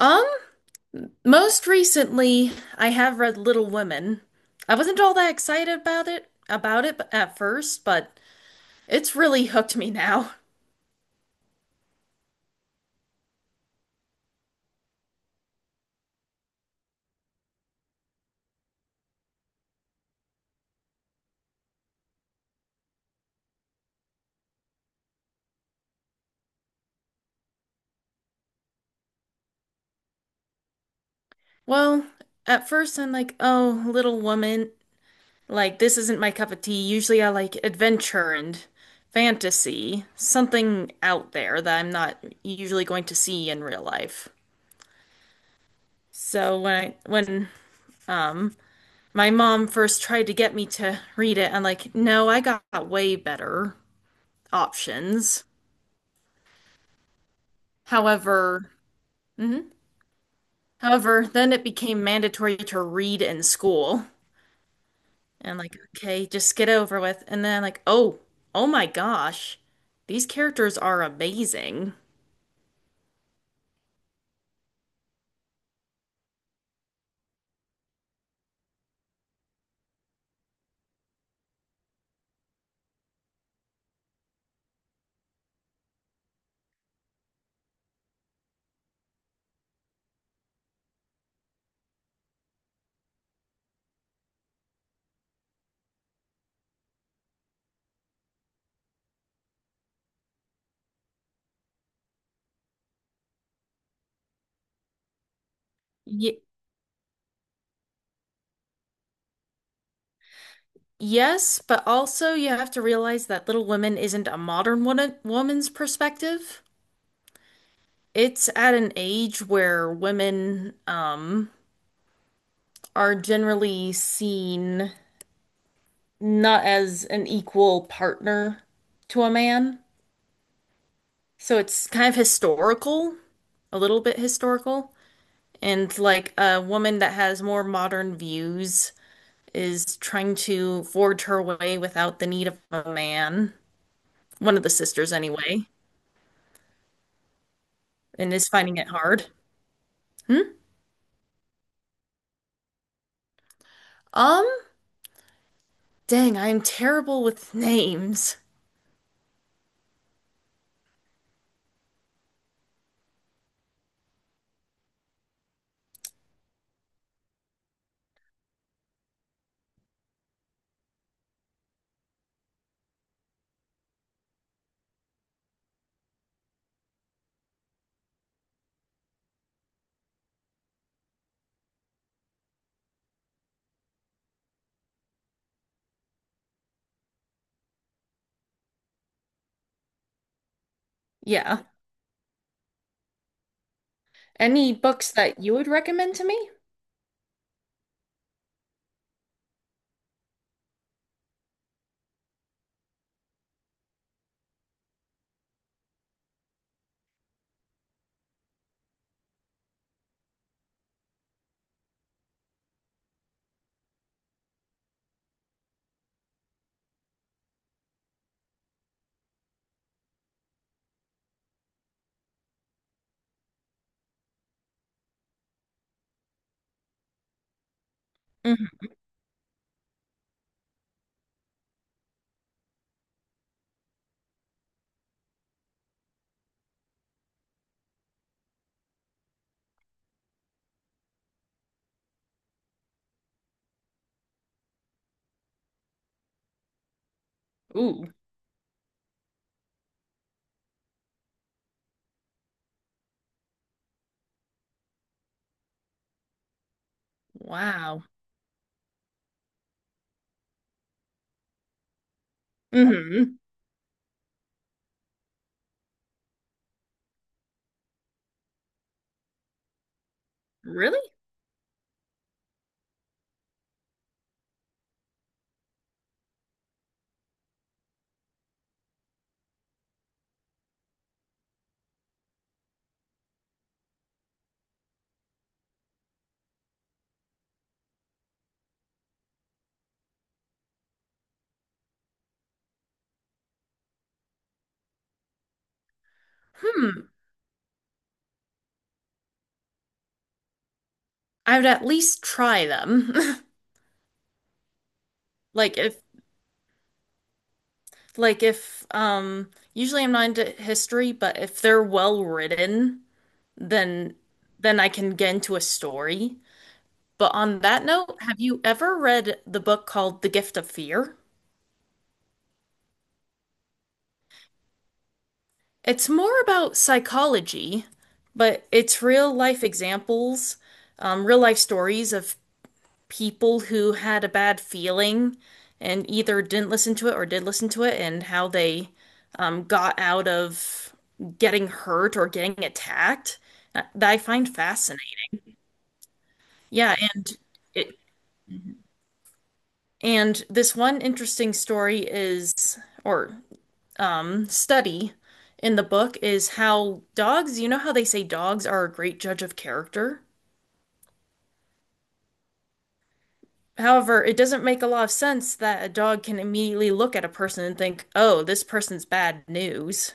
Um, most recently, I have read Little Women. I wasn't all that excited about it at first, but it's really hooked me now. Well, at first I'm like, "Oh, Little Woman, like this isn't my cup of tea. Usually I like adventure and fantasy, something out there that I'm not usually going to see in real life." So when um my mom first tried to get me to read it, I'm like, "No, I got way better options." However, mhm. However, then it became mandatory to read in school. And like, okay, just get over with. And then like, oh, oh my gosh, these characters are amazing. Y Yes, but also you have to realize that Little Women isn't a modern woman's perspective. It's at an age where women are generally seen not as an equal partner to a man. So it's kind of historical, a little bit historical, and like a woman that has more modern views is trying to forge her way without the need of a man. One of the sisters anyway, and is finding it hard. Hmm? Um, dang, I am terrible with names. Yeah. Any books that you would recommend to me? Hmm. Ooh, wow. Hmm. Really? Hmm. I would at least try them. Like if Like if usually I'm not into history, but if they're well written, then then I can get into a story. But on that note, have you ever read the book called The Gift of Fear? It's more about psychology, but it's real life examples, real life stories of people who had a bad feeling and either didn't listen to it or did listen to it and how they got out of getting hurt or getting attacked that I find fascinating. Yeah, and it, and this one interesting story is or study in the book is how dogs, you know how they say dogs are a great judge of character? However, it doesn't make a lot of sense that a dog can immediately look at a person and think, "Oh, this person's bad news."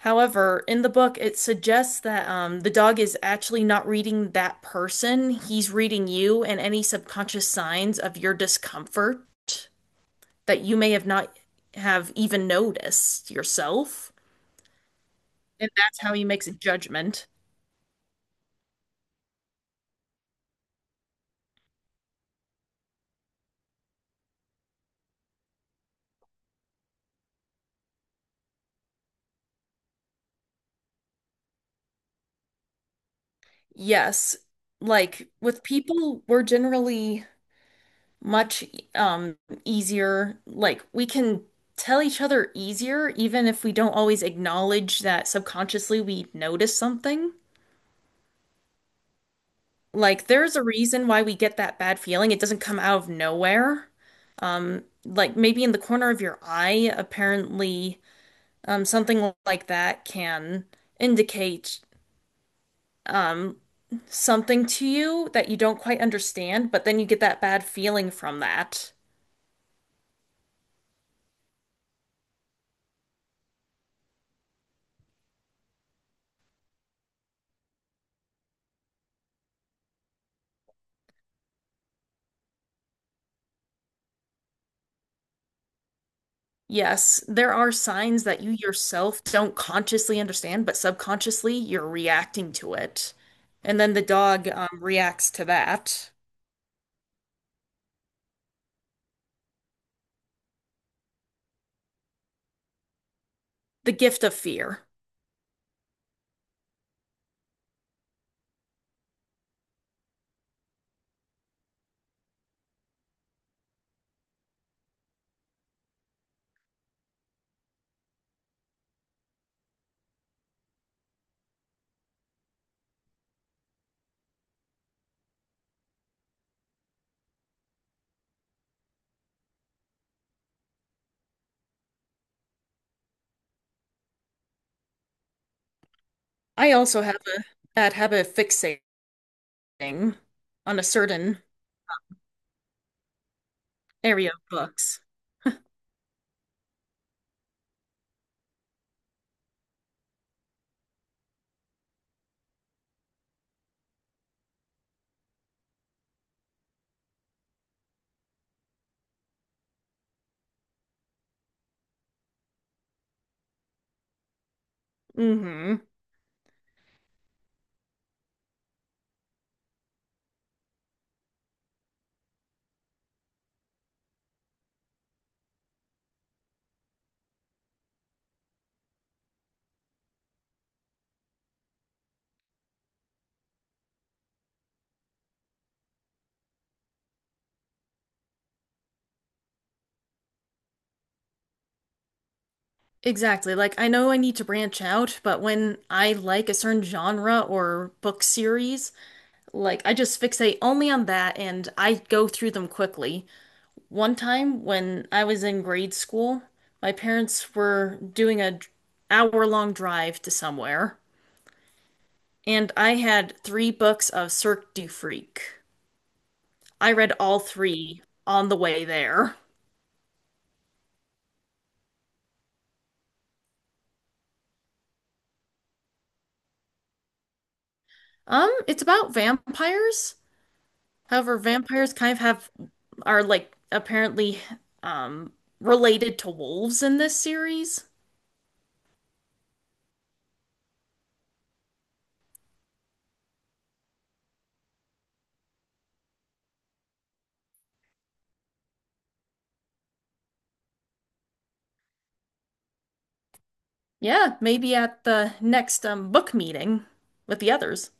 However, in the book, it suggests that the dog is actually not reading that person. He's reading you and any subconscious signs of your discomfort that you may have not have even noticed yourself. And that's how he makes a judgment. Yes, like with people, we're generally much um easier. Like we can tell each other easier even if we don't always acknowledge that subconsciously we notice something. Like there's a reason why we get that bad feeling. It doesn't come out of nowhere. Like maybe in the corner of your eye, apparently something like that can indicate um something to you that you don't quite understand, but then you get that bad feeling from that. Yes, there are signs that you yourself don't consciously understand, but subconsciously you're reacting to it. And then the dog reacts to that. The Gift of Fear. I also have a that have a fixating on a certain area of books. Hmm. Exactly. Like I know I need to branch out, but when I like a certain genre or book series, like I just fixate only on that and I go through them quickly. One time when I was in grade school, my parents were doing a hour-long drive to somewhere, and I had three books of Cirque du Freak. I read all three on the way there. It's about vampires. However, vampires kind of have are like apparently um related to wolves in this series. Yeah, maybe at the next book meeting with the others.